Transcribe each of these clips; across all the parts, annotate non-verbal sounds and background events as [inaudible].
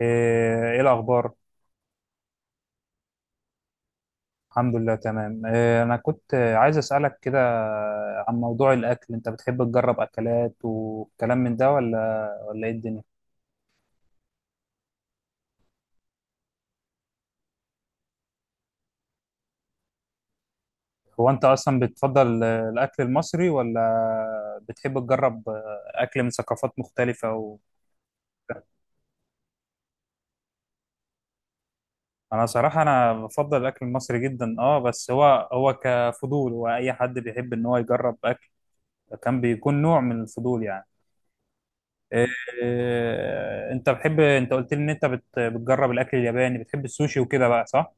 ايه إيه الاخبار؟ الحمد لله تمام. إيه، انا كنت عايز اسالك كده عن موضوع الاكل. انت بتحب تجرب اكلات وكلام من ده ولا ايه الدنيا؟ هو انت اصلا بتفضل الاكل المصري ولا بتحب تجرب اكل من ثقافات مختلفه و... انا صراحه، انا بفضل الاكل المصري جدا. اه بس هو كفضول، واي حد بيحب ان هو يجرب اكل كان بيكون نوع من الفضول يعني. انت بتحب، انت قلت لي ان انت بتجرب الاكل الياباني، بتحب السوشي وكده بقى، صح؟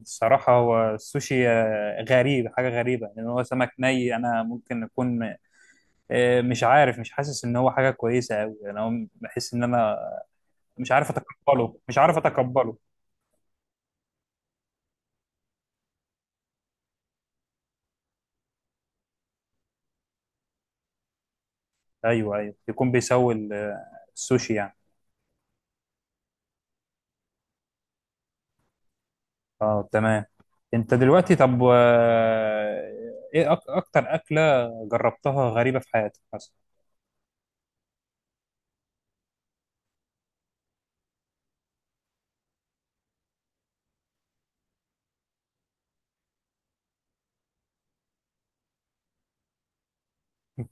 الصراحه هو السوشي غريب، حاجه غريبه، لان هو سمك ني. انا ممكن اكون مش عارف، مش حاسس ان هو حاجه كويسه قوي. انا بحس ان انا مش عارف اتقبله. مش عارف اتقبله. ايوه ايوه، يكون بيسوي السوشي يعني. اه تمام. انت دلوقتي، طب ايه اكتر اكله جربتها غريبه في حياتك مثلا؟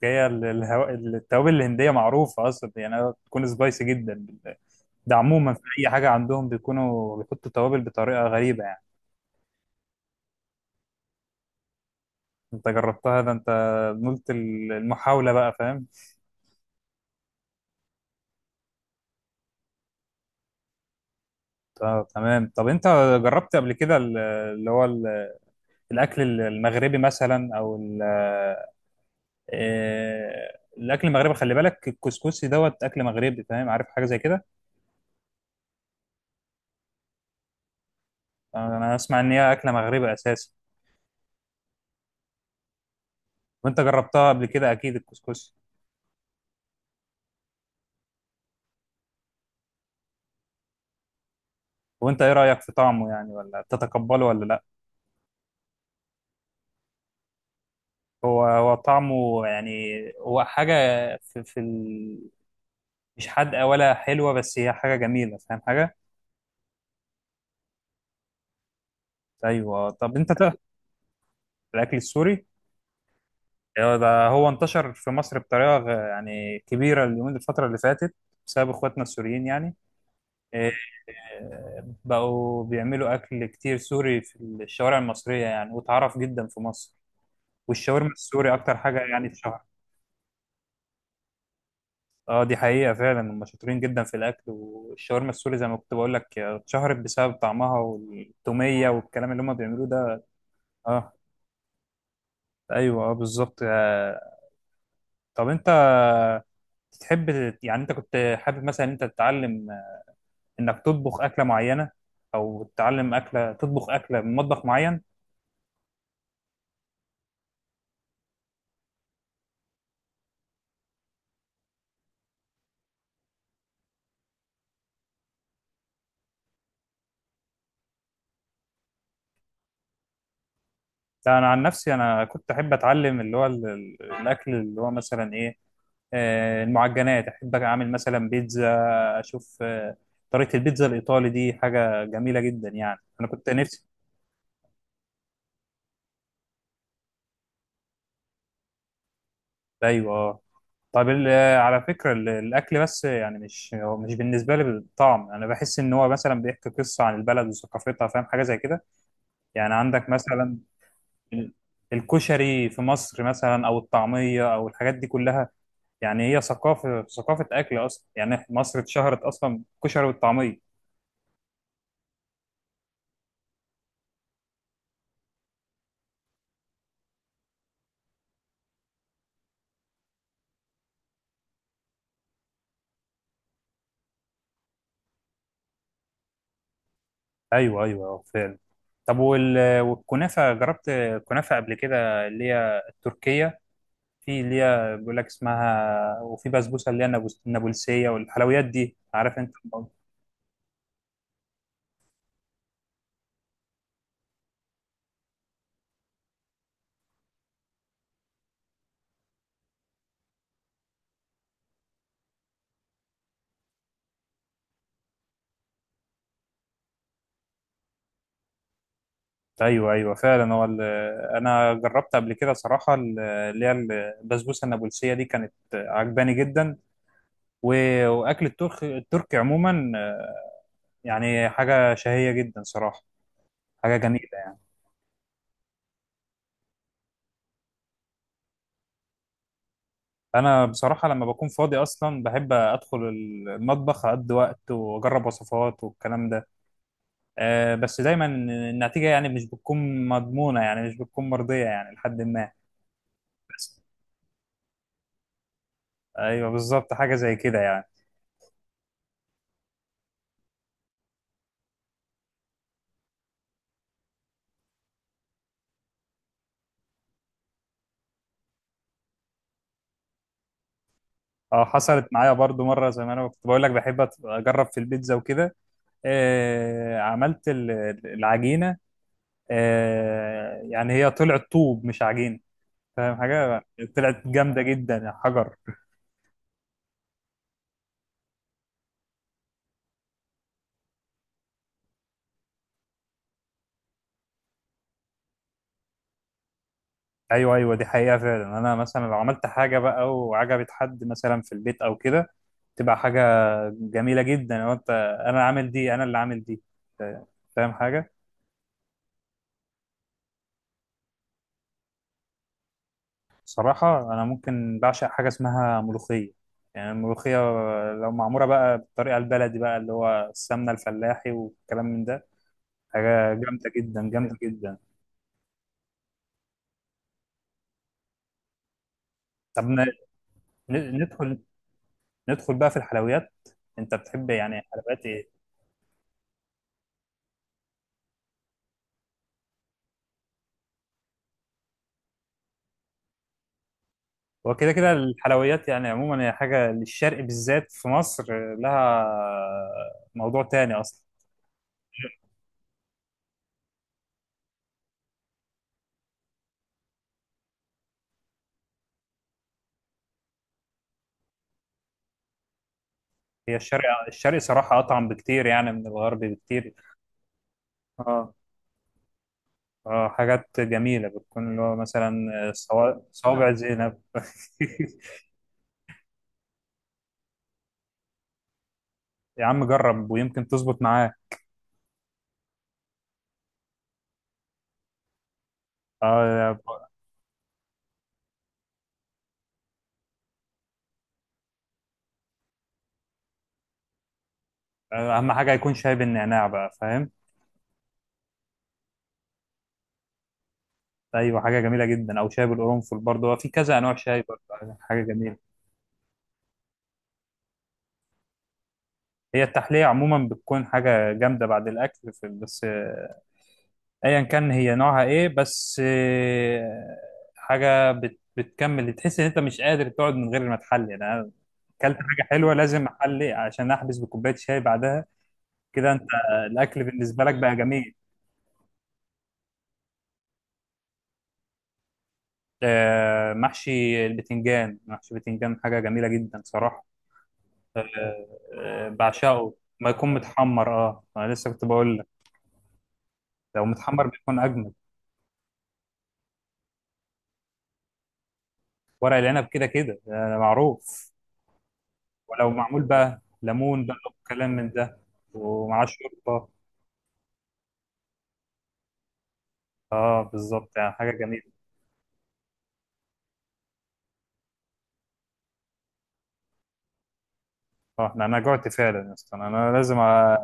هي التوابل الهندية معروفة أصلا يعني، بتكون سبايسي جدا. ده عموما في أي حاجة عندهم بيكونوا بيحطوا توابل بطريقة غريبة يعني. أنت جربتها، ده أنت نلت المحاولة بقى، فاهم؟ آه تمام. طب أنت جربت قبل كده الأكل المغربي مثلا، أو ال... الأكل المغربي، خلي بالك الكسكسي دوت أكل مغربي، فاهم؟ عارف حاجة زي كده؟ أنا أسمع إن هي أكلة مغربي أساسا. وأنت جربتها قبل كده أكيد، الكسكسي. وانت ايه رأيك في طعمه يعني؟ ولا تتقبله ولا لا؟ هو طعمه يعني، هو حاجة في, في ال... مش حادقة ولا حلوة، بس هي حاجة جميلة، فاهم حاجة؟ ايوه. طب انت تعرف الاكل السوري؟ هو ده انتشر في مصر بطريقة يعني كبيرة اليومين، الفترة اللي فاتت، بسبب اخواتنا السوريين يعني. إيه، بقوا بيعملوا اكل كتير سوري في الشوارع المصرية يعني، واتعرف جدا في مصر. والشاورما السوري اكتر حاجة يعني اتشهرت. اه دي حقيقة فعلا، هم شاطرين جدا في الأكل، والشاورما السوري زي ما كنت بقول لك اتشهرت بسبب طعمها والتومية والكلام اللي هم بيعملوه ده. اه. ايوه اه بالظبط طب انت تحب يعني، انت كنت حابب مثلا انت تتعلم انك تطبخ أكلة معينة، او تتعلم أكلة، تطبخ أكلة من مطبخ معين؟ لا انا عن نفسي انا كنت احب اتعلم اللي هو الاكل اللي هو مثلا ايه، المعجنات. احب اعمل مثلا بيتزا، اشوف طريقه البيتزا الايطالي، دي حاجه جميله جدا يعني، انا كنت نفسي. ايوه طيب على فكره الاكل بس يعني، مش هو مش بالنسبه لي بالطعم، انا بحس ان هو مثلا بيحكي قصه عن البلد وثقافتها، فاهم حاجه زي كده؟ يعني عندك مثلا ال- الكشري في مصر مثلا، او الطعميه، او الحاجات دي كلها. يعني هي ثقافه اكل اصلا. يعني مصر اتشهرت اصلا بالكشري والطعميه. ايوه ايوه فعلا. طب وال... والكنافه جربت كنافه قبل كده، اللي هي التركيه؟ في اللي هي بيقول لك اسمها، وفي بسبوسه اللي هي النابلسيه، والحلويات دي عارف انت الموضوع. ايوه ايوه فعلا. هو انا جربت قبل كده صراحه اللي هي البسبوسه النابلسيه، دي كانت عجباني جدا. واكل الترك التركي عموما يعني حاجه شهيه جدا صراحه، حاجه جميله. انا بصراحه لما بكون فاضي اصلا بحب ادخل المطبخ، اقضي وقت واجرب وصفات والكلام ده. أه بس دايما النتيجه يعني مش بتكون مضمونه، يعني مش بتكون مرضيه يعني لحد ما. بس ايوه بالظبط، حاجه زي كده يعني. اه حصلت معايا برضو مره، زي ما انا كنت بقول لك بحب اجرب في البيتزا وكده. أه عملت العجينه، أه يعني هي طلعت طوب مش عجينه، فاهم حاجه؟ طلعت جامده جدا، حجر. ايوه ايوه دي حقيقه فعلا. انا مثلا لو عملت حاجه بقى وعجبت حد مثلا في البيت او كده، تبقى حاجه جميله جدا. لو انت انا عامل دي، انا اللي عامل دي، فا- فاهم حاجه؟ صراحه انا ممكن بعشق حاجه اسمها ملوخيه. يعني الملوخيه لو معموله بقى بالطريقه البلدي بقى، اللي هو السمنه الفلاحي والكلام من ده، حاجه جامده جدا، جامده جدا. طب ندخل، ندخل بقى في الحلويات. انت بتحب يعني حلويات ايه؟ هو كده كده الحلويات يعني عموما هي حاجة للشرق، بالذات في مصر لها موضوع تاني أصلا. هي الشرق صراحة أطعم بكتير يعني من الغرب بكتير. اه اه حاجات جميلة، بتكون اللي هو مثلا صوابع زينب. [laughs] يا عم جرب ويمكن تظبط معاه. اه أهم حاجة يكون شاي بالنعناع بقى، فاهم؟ أيوة حاجة جميلة جدا، أو شاي بالقرنفل برضه، هو في كذا أنواع شاي برضه، حاجة جميلة. هي التحلية عموما بتكون حاجة جامدة بعد الأكل، في بس ايا كان هي نوعها ايه، بس حاجه بتكمل، تحس ان انت مش قادر تقعد من غير ما تحلي يعني. انا اكلت حاجه حلوه لازم احلي، عشان احبس بكوبايه شاي بعدها. كده انت الاكل بالنسبه لك بقى جميل. محشي البتنجان، محشي البتنجان حاجه جميله جدا صراحه. آه، بعشقه. ما يكون متحمر، اه انا لسه كنت بقول لك، لو متحمر بيكون اجمل. ورق العنب كده كده معروف. ولو معمول بقى ليمون بقى، وكلام من ده، ومعاه شوربه، اه بالظبط يعني، حاجه جميله. اه انا، أنا جوعت فعلا يا اسطى، انا لازم أ...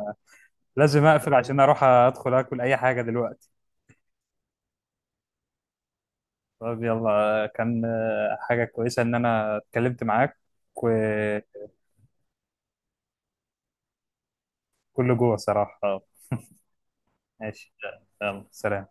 لازم اقفل عشان اروح ادخل اكل اي حاجه دلوقتي. طب يلا كان حاجه كويسه ان انا اتكلمت معاك، وكله جوه صراحه. اه ماشي. يلا سلام.